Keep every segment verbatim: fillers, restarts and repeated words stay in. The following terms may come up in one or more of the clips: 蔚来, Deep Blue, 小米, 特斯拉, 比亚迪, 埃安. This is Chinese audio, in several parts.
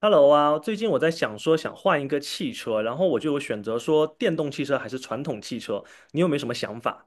Hello 啊，最近我在想说想换一个汽车，然后我就有选择说电动汽车还是传统汽车，你有没有什么想法？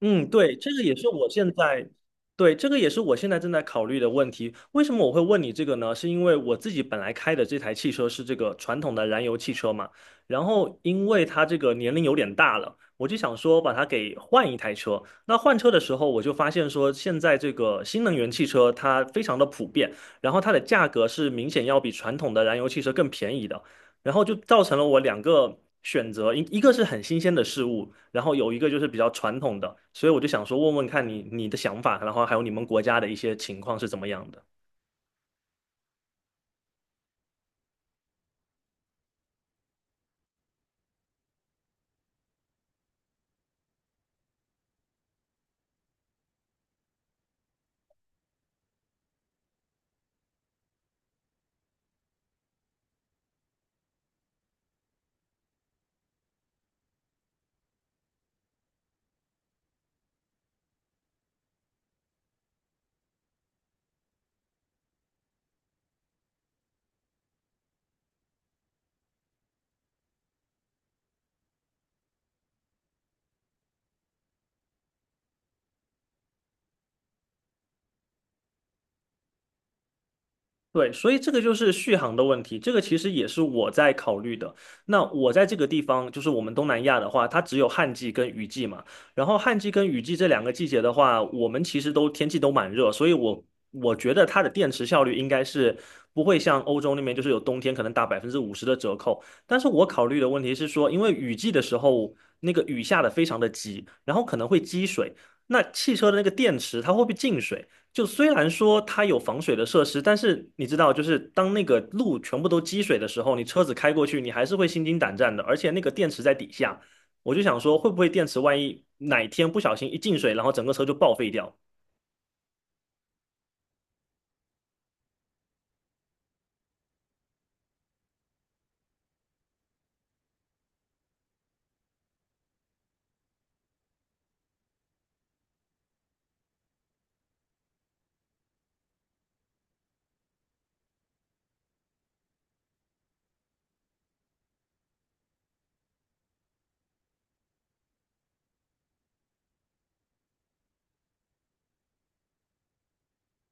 嗯，对，这个也是我现在，对，这个也是我现在正在考虑的问题。为什么我会问你这个呢？是因为我自己本来开的这台汽车是这个传统的燃油汽车嘛，然后因为它这个年龄有点大了，我就想说把它给换一台车。那换车的时候，我就发现说现在这个新能源汽车它非常的普遍，然后它的价格是明显要比传统的燃油汽车更便宜的。然后就造成了我两个选择，一一个是很新鲜的事物，然后有一个就是比较传统的，所以我就想说问问看你你的想法，然后还有你们国家的一些情况是怎么样的。对，所以这个就是续航的问题，这个其实也是我在考虑的。那我在这个地方，就是我们东南亚的话，它只有旱季跟雨季嘛。然后旱季跟雨季这两个季节的话，我们其实都天气都蛮热，所以我我觉得它的电池效率应该是不会像欧洲那边，就是有冬天可能打百分之五十的折扣。但是我考虑的问题是说，因为雨季的时候那个雨下的非常的急，然后可能会积水，那汽车的那个电池它会不会进水？就虽然说它有防水的设施，但是你知道，就是当那个路全部都积水的时候，你车子开过去，你还是会心惊胆战的。而且那个电池在底下，我就想说，会不会电池万一哪天不小心一进水，然后整个车就报废掉？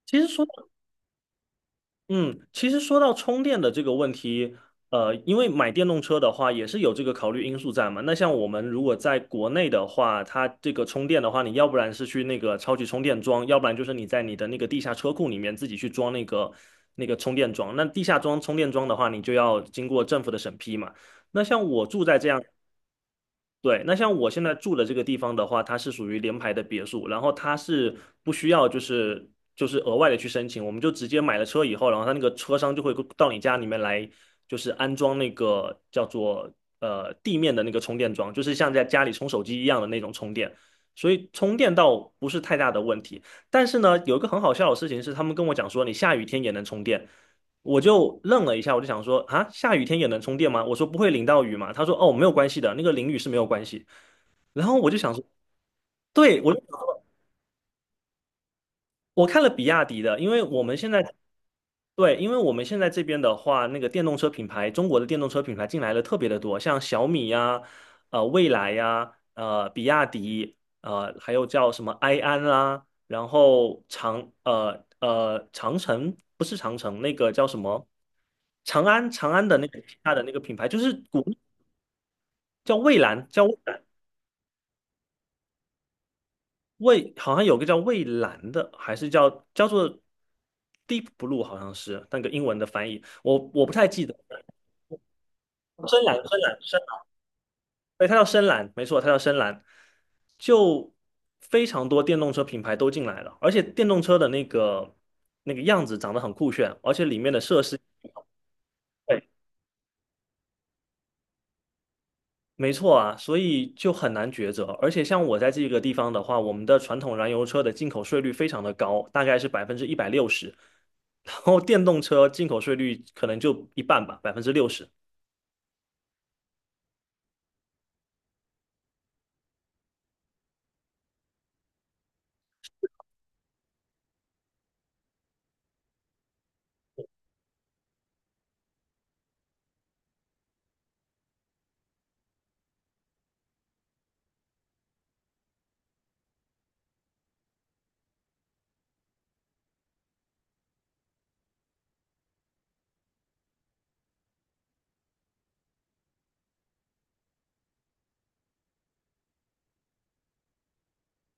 其实说嗯，其实说到充电的这个问题，呃，因为买电动车的话也是有这个考虑因素在嘛。那像我们如果在国内的话，它这个充电的话，你要不然是去那个超级充电桩，要不然就是你在你的那个地下车库里面自己去装那个那个充电桩。那地下装充电桩的话，你就要经过政府的审批嘛。那像我住在这样对，那像我现在住的这个地方的话，它是属于联排的别墅，然后它是不需要就是就是额外的去申请，我们就直接买了车以后，然后它那个车商就会到你家里面来，就是安装那个叫做呃地面的那个充电桩，就是像在家里充手机一样的那种充电，所以充电倒不是太大的问题。但是呢，有一个很好笑的事情是，他们跟我讲说，你下雨天也能充电。我就愣了一下，我就想说啊，下雨天也能充电吗？我说不会淋到雨嘛。他说哦，没有关系的，那个淋雨是没有关系。然后我就想说，对，我就想说我看了比亚迪的，因为我们现在对，因为我们现在这边的话，那个电动车品牌，中国的电动车品牌进来的特别的多，像小米呀、呃蔚来呀、呃比亚迪，呃还有叫什么埃安啦，然后长呃呃长城不是长城，那个叫什么？长安长安的那个旗下的那个品牌，就是国内叫蔚蓝，叫蔚蓝，蔚好像有个叫蔚蓝的，还是叫叫做 Deep Blue，好像是那个英文的翻译，我我不太记得。深蓝，深蓝，深蓝，对，它叫深蓝，没错，它叫深蓝。就非常多电动车品牌都进来了，而且电动车的那个那个样子长得很酷炫，而且里面的设施。对。没错啊，所以就很难抉择。而且像我在这个地方的话，我们的传统燃油车的进口税率非常的高，大概是百分之一百六十，然后电动车进口税率可能就一半吧，百分之六十。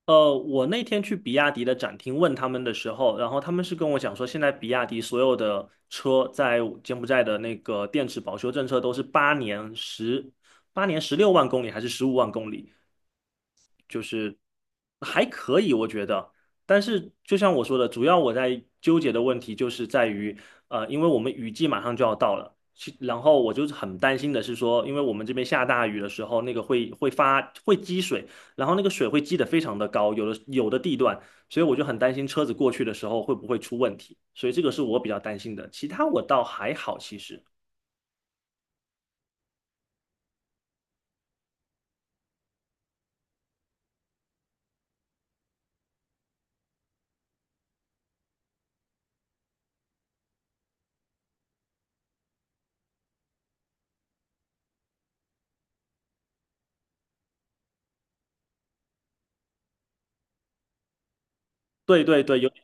呃，我那天去比亚迪的展厅问他们的时候，然后他们是跟我讲说，现在比亚迪所有的车在柬埔寨的那个电池保修政策都是八年十八年十六万公里还是十五万公里，就是还可以，我觉得。但是就像我说的，主要我在纠结的问题就是在于，呃，因为我们雨季马上就要到了，其然后我就是很担心的是说，因为我们这边下大雨的时候，那个会会发会积水，然后那个水会积得非常的高，有的有的地段，所以我就很担心车子过去的时候会不会出问题，所以这个是我比较担心的，其他我倒还好，其实。对对对，有点。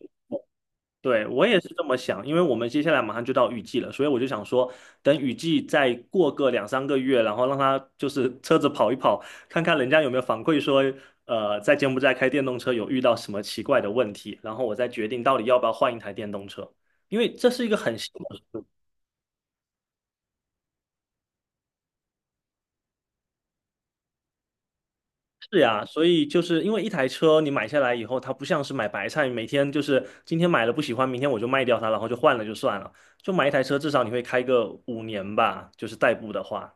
对，我也是这么想，因为我们接下来马上就到雨季了，所以我就想说，等雨季再过个两三个月，然后让他就是车子跑一跑，看看人家有没有反馈说，呃，在柬埔寨开电动车有遇到什么奇怪的问题，然后我再决定到底要不要换一台电动车，因为这是一个很新的事是呀，所以就是因为一台车你买下来以后，它不像是买白菜，每天就是今天买了不喜欢，明天我就卖掉它，然后就换了就算了，就买一台车，至少你会开个五年吧，就是代步的话。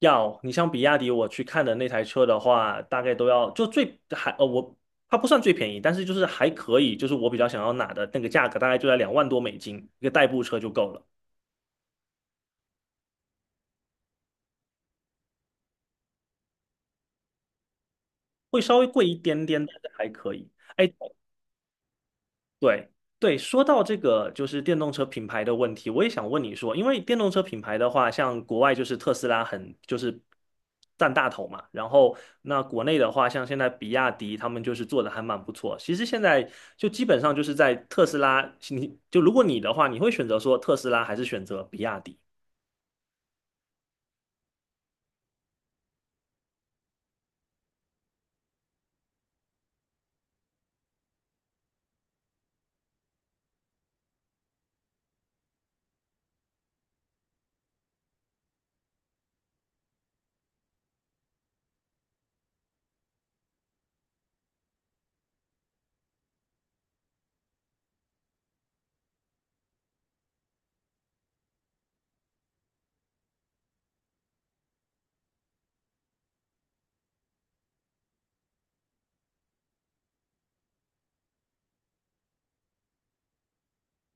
要，你像比亚迪，我去看的那台车的话，大概都要就最还呃我它不算最便宜，但是就是还可以，就是我比较想要拿的那个价格大概就在两万多美金，一个代步车就够了，会稍微贵一点点，但是还可以。哎，对对，说到这个就是电动车品牌的问题，我也想问你说，因为电动车品牌的话，像国外就是特斯拉很就是占大头嘛，然后那国内的话，像现在比亚迪他们就是做的还蛮不错。其实现在就基本上就是在特斯拉，你就如果你的话，你会选择说特斯拉还是选择比亚迪？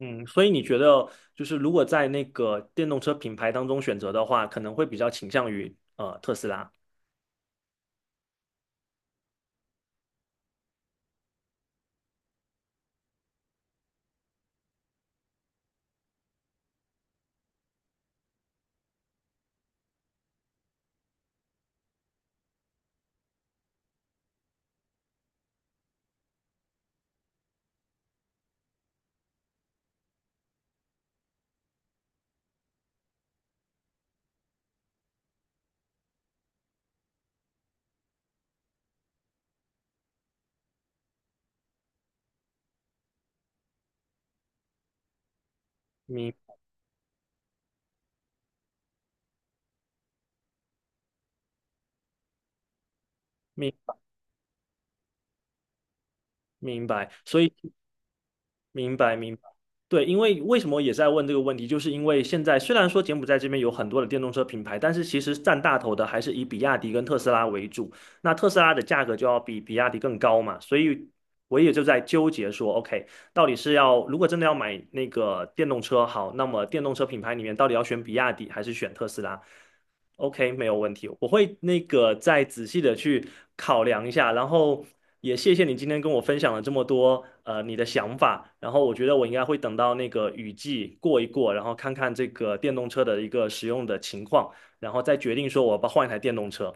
嗯，所以你觉得就是如果在那个电动车品牌当中选择的话，可能会比较倾向于呃特斯拉。明明明白，所以。明白，明白。对，因为为什么也在问这个问题，就是因为现在虽然说柬埔寨这边有很多的电动车品牌，但是其实占大头的还是以比亚迪跟特斯拉为主。那特斯拉的价格就要比比亚迪更高嘛，所以我也就在纠结说，OK，到底是要如果真的要买那个电动车，好，那么电动车品牌里面到底要选比亚迪还是选特斯拉？OK，没有问题，我会那个再仔细的去考量一下，然后也谢谢你今天跟我分享了这么多呃你的想法，然后我觉得我应该会等到那个雨季过一过，然后看看这个电动车的一个使用的情况，然后再决定说我要不要换一台电动车。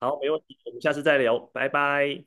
好，没问题，我们下次再聊，拜拜。